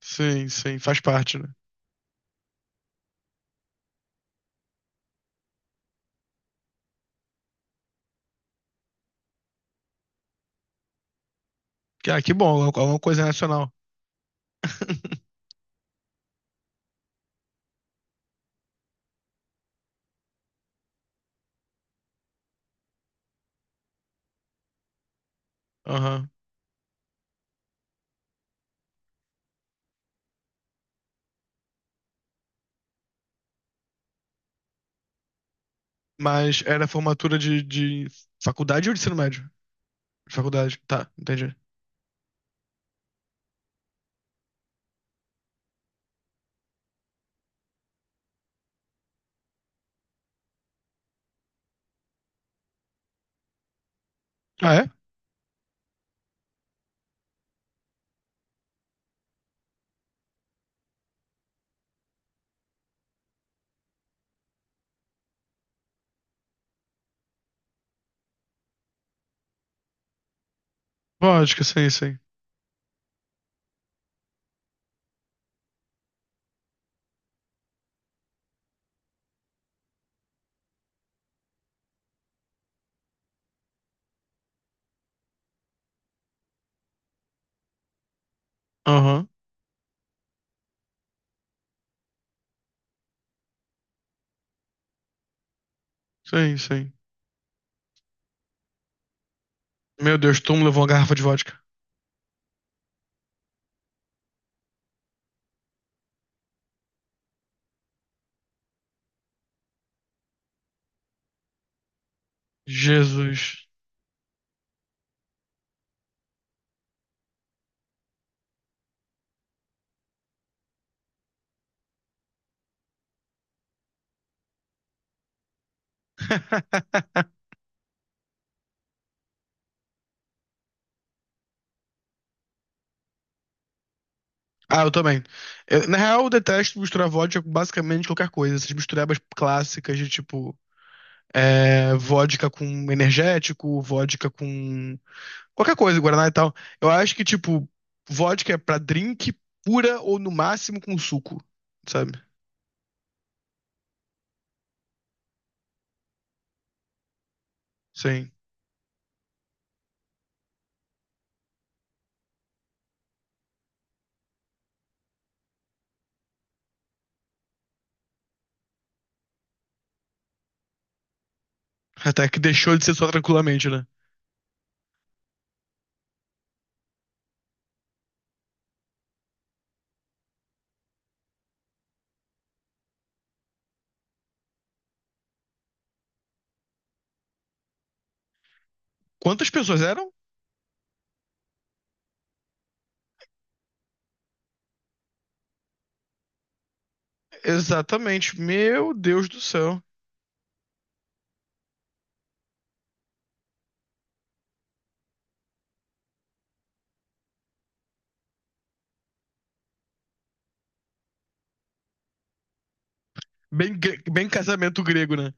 Sim, sim, faz parte, né? Ah, que bom, é uma coisa nacional. Aham. Mas era formatura de faculdade ou de ensino médio? De faculdade, tá, entendi. Ah, é? Vodka, sim, sim. Aham. Sim, sim. Meu Deus, tu me levou uma garrafa de vodka. Jesus. Ah, eu também. Eu, na real, eu detesto misturar vodka com basicamente qualquer coisa. Essas misturebas clássicas de tipo, vodka com energético, vodka com qualquer coisa, Guaraná e tal. Eu acho que, tipo, vodka é pra drink pura ou no máximo com suco, sabe? Sim. Até que deixou de ser só tranquilamente, né? Quantas pessoas eram? Exatamente. Meu Deus do céu. Bem, bem casamento grego, né?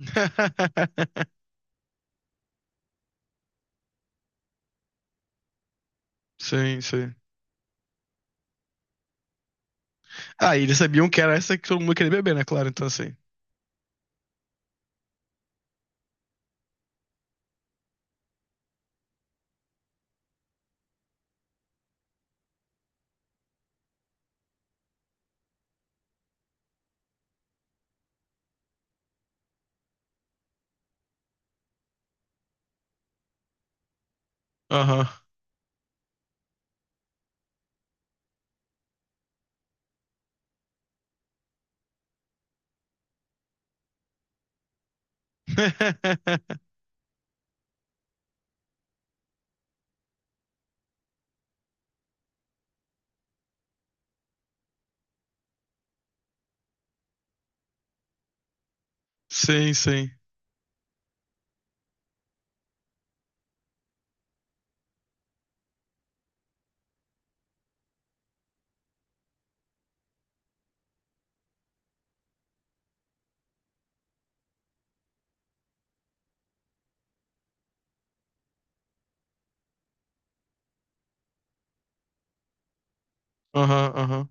Sim, sim. Ah, e eles sabiam que era essa que todo mundo queria beber, né? Claro, então assim. Aham. Sim, sim. Aham, aham.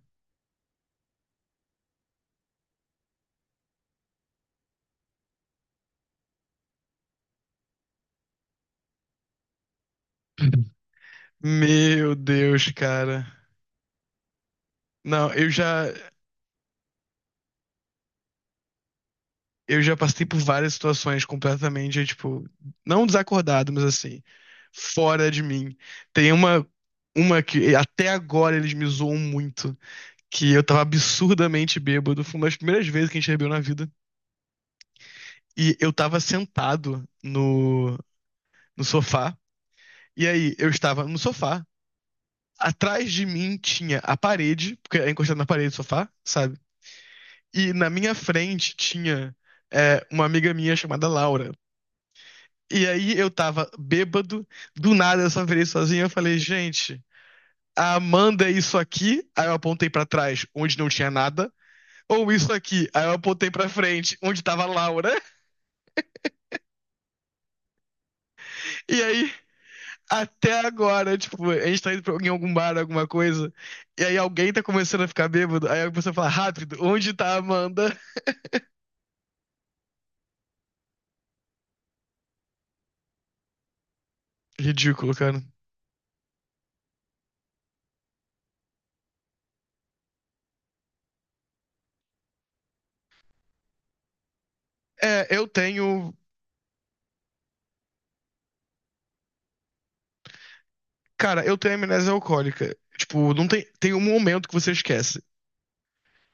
Meu Deus, cara. Não, eu já. Eu já passei por várias situações completamente, tipo, não desacordado, mas assim, fora de mim. Tem uma que até agora eles me zoam muito, que eu tava absurdamente bêbado, foi uma das primeiras vezes que a gente bebeu na vida, e eu tava sentado no sofá, e aí eu estava no sofá, atrás de mim tinha a parede, porque é encostado na parede do sofá, sabe? E na minha frente tinha uma amiga minha chamada Laura. E aí eu tava bêbado, do nada eu só virei sozinho. Eu falei, gente, a Amanda é isso aqui. Aí eu apontei pra trás, onde não tinha nada. Ou isso aqui. Aí eu apontei pra frente, onde tava a Laura. E aí, até agora, tipo, a gente tá indo pra, em algum bar, alguma coisa. E aí alguém tá começando a ficar bêbado. Aí a pessoa fala, rápido, onde tá a Amanda? Ridículo, cara. É, eu tenho. Cara, eu tenho amnésia alcoólica. Tipo, não tem, tem um momento que você esquece.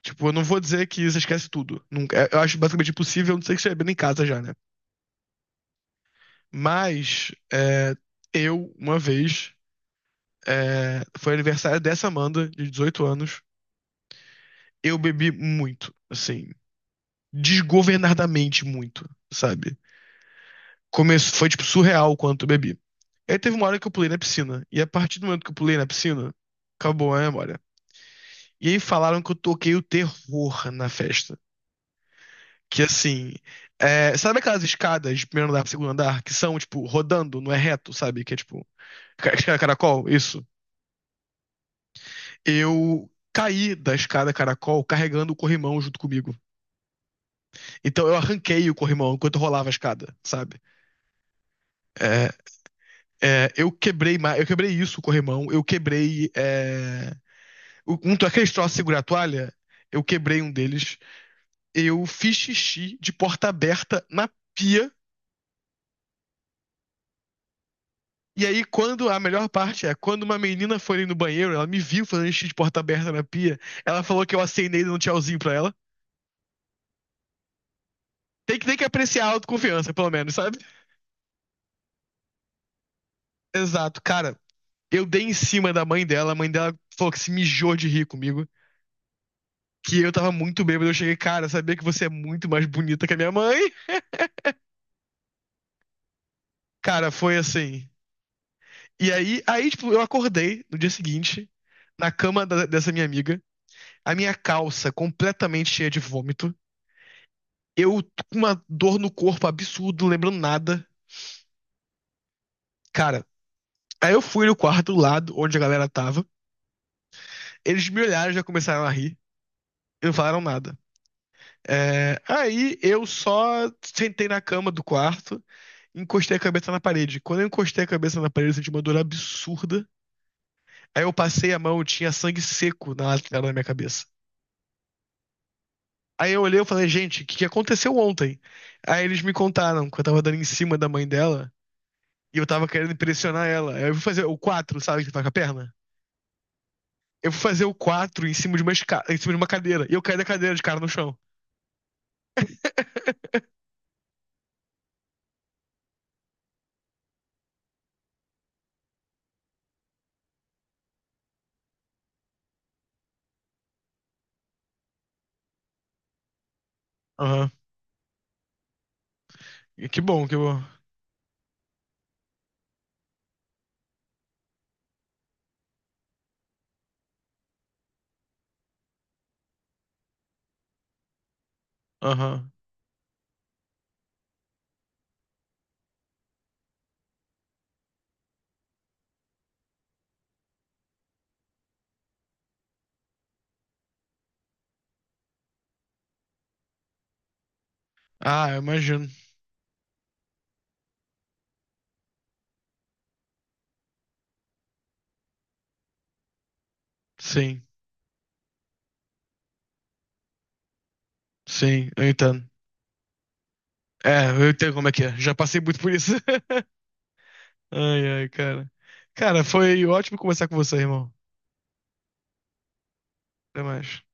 Tipo, eu não vou dizer que você esquece tudo. Nunca, é, eu acho basicamente impossível, a não ser que você bebendo em casa já, né? Mas é, eu, uma vez, foi aniversário dessa Amanda, de 18 anos, eu bebi muito, assim, desgovernadamente muito, sabe? Começo, foi, tipo, surreal o quanto eu bebi. Aí teve uma hora que eu pulei na piscina, e a partir do momento que eu pulei na piscina, acabou a memória. E aí falaram que eu toquei o terror na festa. Que assim. É, sabe aquelas escadas de primeiro andar pro segundo andar que são, tipo, rodando, não é reto, sabe? Que é tipo. Escada caracol? Isso. Eu caí da escada caracol carregando o corrimão junto comigo. Então eu arranquei o corrimão enquanto eu rolava a escada, sabe? É, é, eu quebrei isso, o corrimão. Eu quebrei. É, aqueles troços de segurar a toalha, eu quebrei um deles. Eu fiz xixi de porta aberta na pia. E aí, quando a melhor parte é, quando uma menina foi ali no banheiro, ela me viu fazendo xixi de porta aberta na pia, ela falou que eu acenei dando um tchauzinho pra ela. Tem que apreciar a autoconfiança, pelo menos, sabe? Exato, cara. Eu dei em cima da mãe dela, a mãe dela falou que se mijou de rir comigo, que eu tava muito bêbado. Eu cheguei, cara, sabia que você é muito mais bonita que a minha mãe? Cara, foi assim. E aí, tipo, eu acordei no dia seguinte, na cama dessa minha amiga, a minha calça completamente cheia de vômito. Eu com uma dor no corpo absurdo, não lembrando nada. Cara, aí eu fui no quarto do lado, onde a galera tava. Eles me olharam e já começaram a rir. E não falaram nada. É, aí eu só sentei na cama do quarto, encostei a cabeça na parede. Quando eu encostei a cabeça na parede, eu senti uma dor absurda. Aí eu passei a mão, tinha sangue seco na lateral da minha cabeça. Aí eu olhei e falei, gente, o que que aconteceu ontem? Aí eles me contaram que eu tava dando em cima da mãe dela e eu tava querendo impressionar ela. Aí eu fui fazer o quatro, sabe, que faz com a perna? Eu fui fazer o 4 em cima de uma, em cima de uma cadeira. E eu caí da cadeira de cara no chão. Aham. E que bom, que bom. Aham. Ah, eu imagino. Sim, sim, eu entendo. É, eu entendo como é que é. Já passei muito por isso. Ai, ai, cara. Cara, foi ótimo conversar com você, irmão. Até mais.